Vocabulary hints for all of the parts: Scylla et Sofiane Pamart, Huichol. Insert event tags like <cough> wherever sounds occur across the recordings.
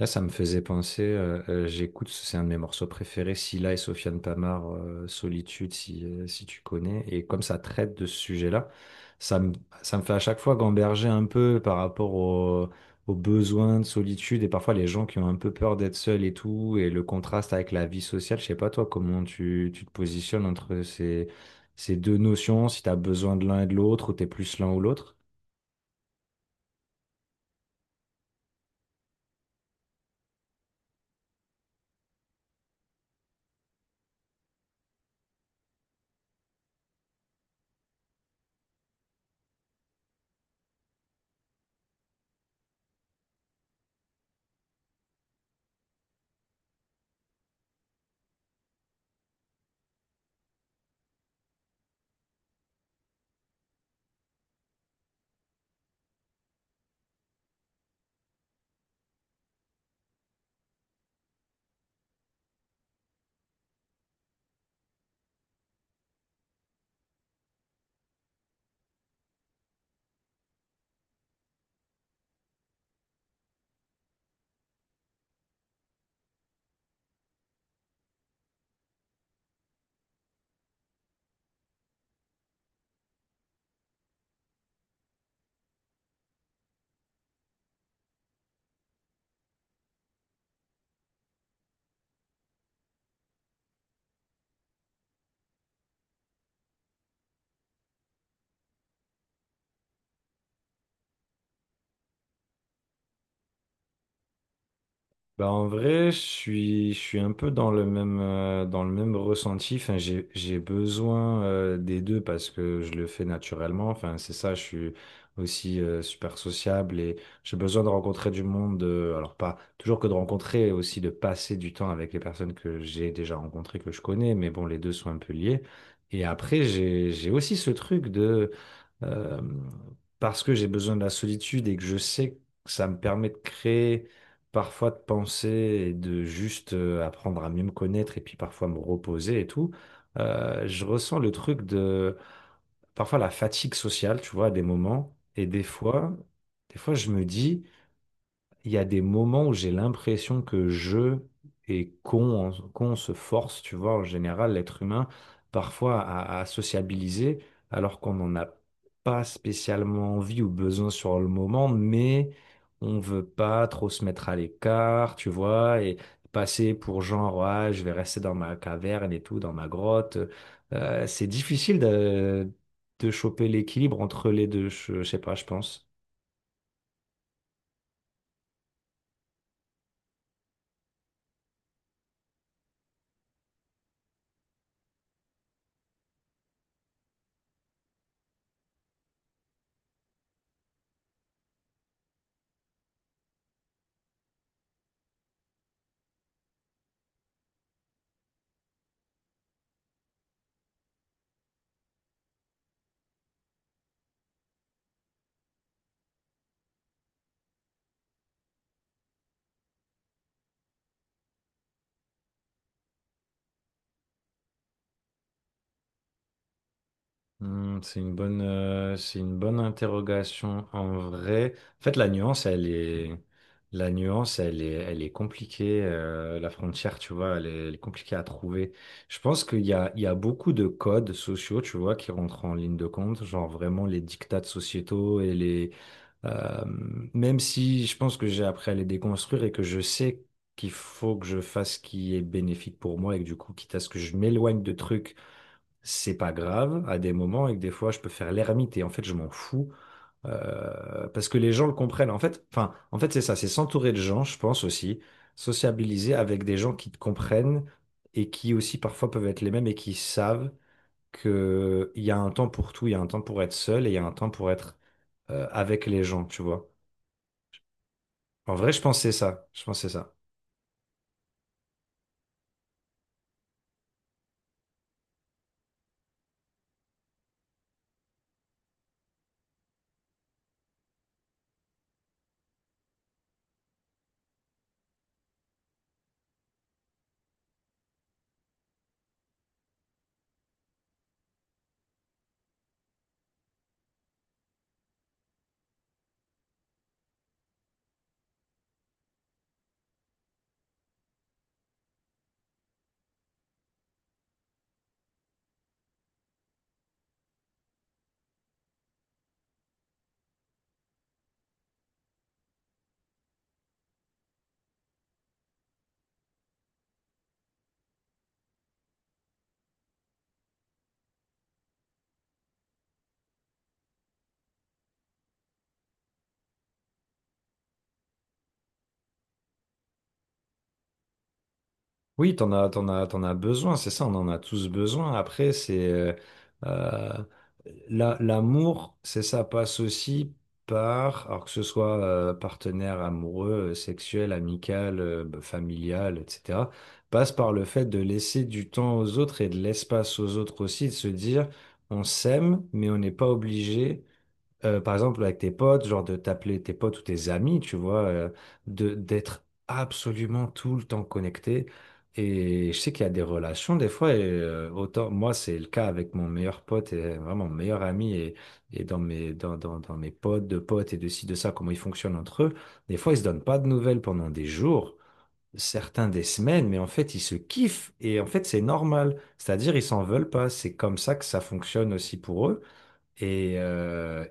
Là, ça me faisait penser, j'écoute, c'est un de mes morceaux préférés, Scylla et Sofiane Pamart, Solitude, si, si tu connais. Et comme ça traite de ce sujet-là, ça me, ça me fait à chaque fois gamberger un peu par rapport aux besoins de solitude et parfois les gens qui ont un peu peur d'être seuls et tout, et le contraste avec la vie sociale. Je sais pas, toi, comment tu te positionnes entre ces deux notions, si tu as besoin de l'un et de l'autre, ou tu es plus l'un ou l'autre? Bah en vrai, je suis un peu dans le même ressenti. Enfin, j'ai besoin des deux parce que je le fais naturellement. Enfin, c'est ça, je suis aussi super sociable et j'ai besoin de rencontrer du monde. Alors, pas toujours que de rencontrer, aussi de passer du temps avec les personnes que j'ai déjà rencontrées, que je connais. Mais bon, les deux sont un peu liés. Et après, j'ai aussi ce truc de euh, parce que j'ai besoin de la solitude et que je sais que ça me permet de créer, parfois de penser et de juste apprendre à mieux me connaître et puis parfois me reposer et tout. Je ressens le truc de parfois la fatigue sociale, tu vois, à des moments. Et des fois, je me dis il y a des moments où j'ai l'impression que je et qu'on se force, tu vois, en général, l'être humain, parfois à sociabiliser, alors qu'on n'en a pas spécialement envie ou besoin sur le moment, mais on veut pas trop se mettre à l'écart, tu vois, et passer pour genre, ah, je vais rester dans ma caverne et tout, dans ma grotte. C'est difficile de choper l'équilibre entre les deux, je sais pas, je pense. C'est une bonne interrogation en vrai. En fait, la nuance, elle est compliquée. La frontière, tu vois, elle est compliquée à trouver. Je pense qu'il y a beaucoup de codes sociaux, tu vois, qui rentrent en ligne de compte, genre vraiment les dictats sociétaux et euh, même si je pense que j'ai appris à les déconstruire et que je sais qu'il faut que je fasse ce qui est bénéfique pour moi et que du coup, quitte à ce que je m'éloigne de trucs, c'est pas grave à des moments et que des fois je peux faire l'ermite et en fait je m'en fous parce que les gens le comprennent. En fait, enfin, en fait c'est ça, c'est s'entourer de gens, je pense aussi, sociabiliser avec des gens qui te comprennent et qui aussi parfois peuvent être les mêmes et qui savent que il y a un temps pour tout, il y a un temps pour être seul et il y a un temps pour être avec les gens, tu vois. En vrai, je pense que c'est ça. Je pense que c'est ça. Oui, t'en as besoin, c'est ça, on en a tous besoin. Après, c'est euh, l'amour, c'est ça passe aussi par, alors que ce soit partenaire amoureux, sexuel, amical, bah, familial, etc., passe par le fait de laisser du temps aux autres et de l'espace aux autres aussi, de se dire, on s'aime, mais on n'est pas obligé, par exemple, avec tes potes, genre de t'appeler tes potes ou tes amis, tu vois, de d'être absolument tout le temps connecté. Et je sais qu'il y a des relations, des fois, autant, moi, c'est le cas avec mon meilleur pote, et vraiment mon meilleur ami, et, dans mes potes, de potes, et de ci, de ça, comment ils fonctionnent entre eux. Des fois, ils se donnent pas de nouvelles pendant des jours, certains des semaines, mais en fait, ils se kiffent, et en fait, c'est normal. C'est-à-dire, ils s'en veulent pas. C'est comme ça que ça fonctionne aussi pour eux. Et, euh,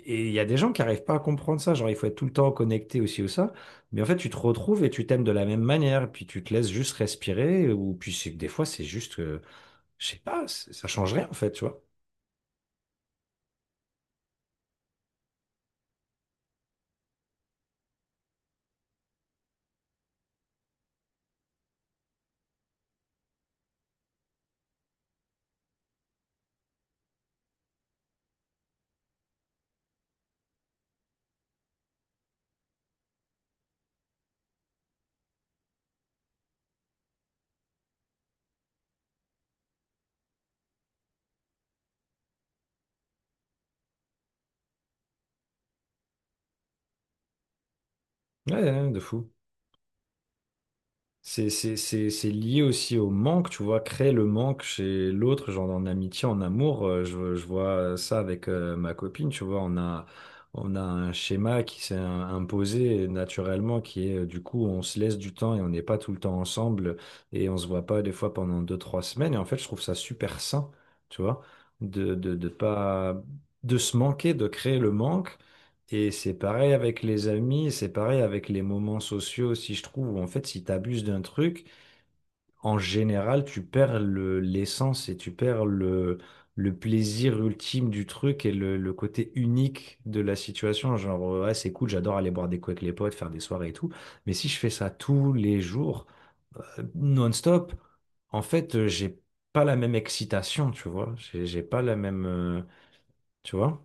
et il y a des gens qui n'arrivent pas à comprendre ça. Genre, il faut être tout le temps connecté aussi ou ça. Mais en fait, tu te retrouves et tu t'aimes de la même manière. Puis tu te laisses juste respirer. Ou puis des fois, c'est juste que, je sais pas, ça change rien en fait, tu vois. Ouais, ouais, de fou. C'est lié aussi au manque, tu vois, créer le manque chez l'autre, genre en amitié, en amour. Je vois ça avec ma copine, tu vois, on a un schéma qui s'est imposé naturellement, qui est du coup, on se laisse du temps et on n'est pas tout le temps ensemble et on se voit pas des fois pendant deux, trois semaines. Et en fait, je trouve ça super sain, tu vois, de pas, de se manquer, de créer le manque et c'est pareil avec les amis, c'est pareil avec les moments sociaux aussi, je trouve, où en fait, si tu abuses d'un truc, en général, tu perds l'essence et tu perds le plaisir ultime du truc et le côté unique de la situation. Genre, ouais, c'est cool, j'adore aller boire des coups avec les potes, faire des soirées et tout. Mais si je fais ça tous les jours, non-stop, en fait, j'ai pas la même excitation, tu vois. J'ai pas la même, tu vois.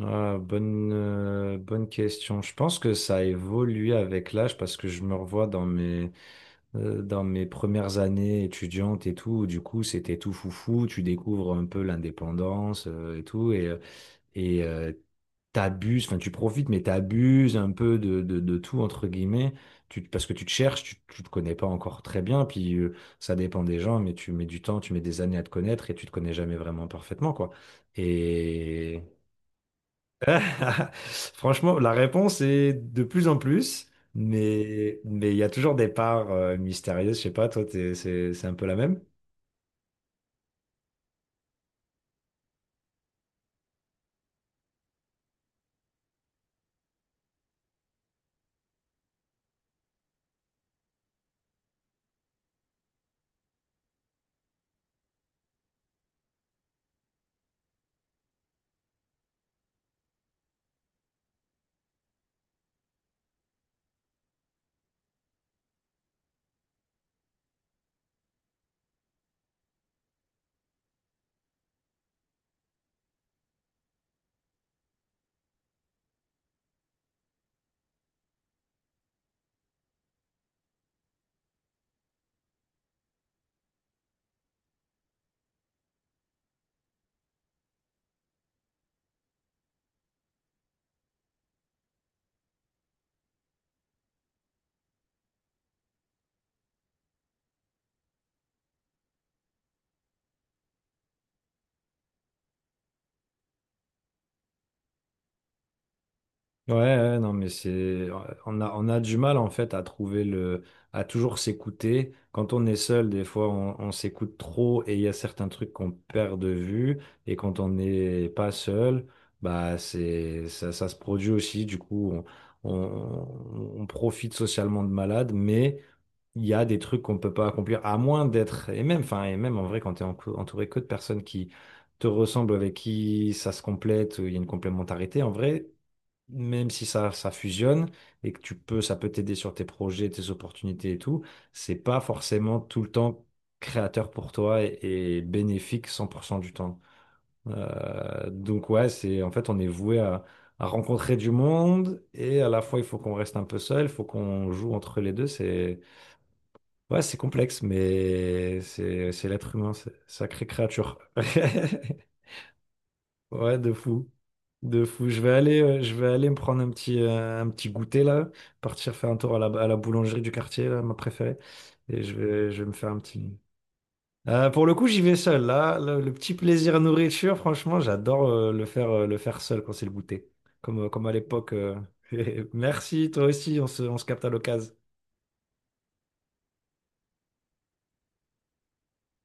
Ah, bonne question. Je pense que ça a évolué avec l'âge parce que je me revois dans mes premières années étudiantes et tout, où du coup, c'était tout foufou. Tu découvres un peu l'indépendance, et tout. Et euh, T'abuses, enfin, tu profites, mais t'abuses un peu de tout, entre guillemets. Parce que tu te cherches, tu te connais pas encore très bien. Puis ça dépend des gens, mais tu mets du temps, tu mets des années à te connaître et tu te connais jamais vraiment parfaitement, quoi. Et. <laughs> Franchement, la réponse est de plus en plus, mais il y a toujours des parts mystérieuses. Je sais pas, toi, c'est un peu la même? Ouais, ouais, non, mais on a du mal en fait à trouver à toujours s'écouter. Quand on est seul, des fois, on s'écoute trop et il y a certains trucs qu'on perd de vue. Et quand on n'est pas seul, bah ça se produit aussi. Du coup, on profite socialement de malade, mais il y a des trucs qu'on ne peut pas accomplir, à moins d'être, et même en vrai, quand tu es entouré que de personnes qui te ressemblent, avec qui ça se complète, où il y a une complémentarité, en vrai, même si ça fusionne et que ça peut t'aider sur tes projets, tes opportunités et tout, c'est pas forcément tout le temps créateur pour toi et bénéfique 100% du temps. Donc ouais, c'est, en fait, on est voué à rencontrer du monde et à la fois il faut qu'on reste un peu seul, il faut qu'on joue entre les deux, c'est ouais, c'est complexe, mais c'est l'être humain, sacrée créature. <laughs> Ouais, de fou. De fou. Je vais aller me prendre un petit goûter là, partir faire un tour à la boulangerie du quartier, là, ma préférée. Et je vais me faire un petit. Pour le coup, j'y vais seul. Là, le petit plaisir nourriture, franchement, j'adore le faire seul quand c'est le goûter. Comme à l'époque. <laughs> Merci, toi aussi, on se capte à l'occasion.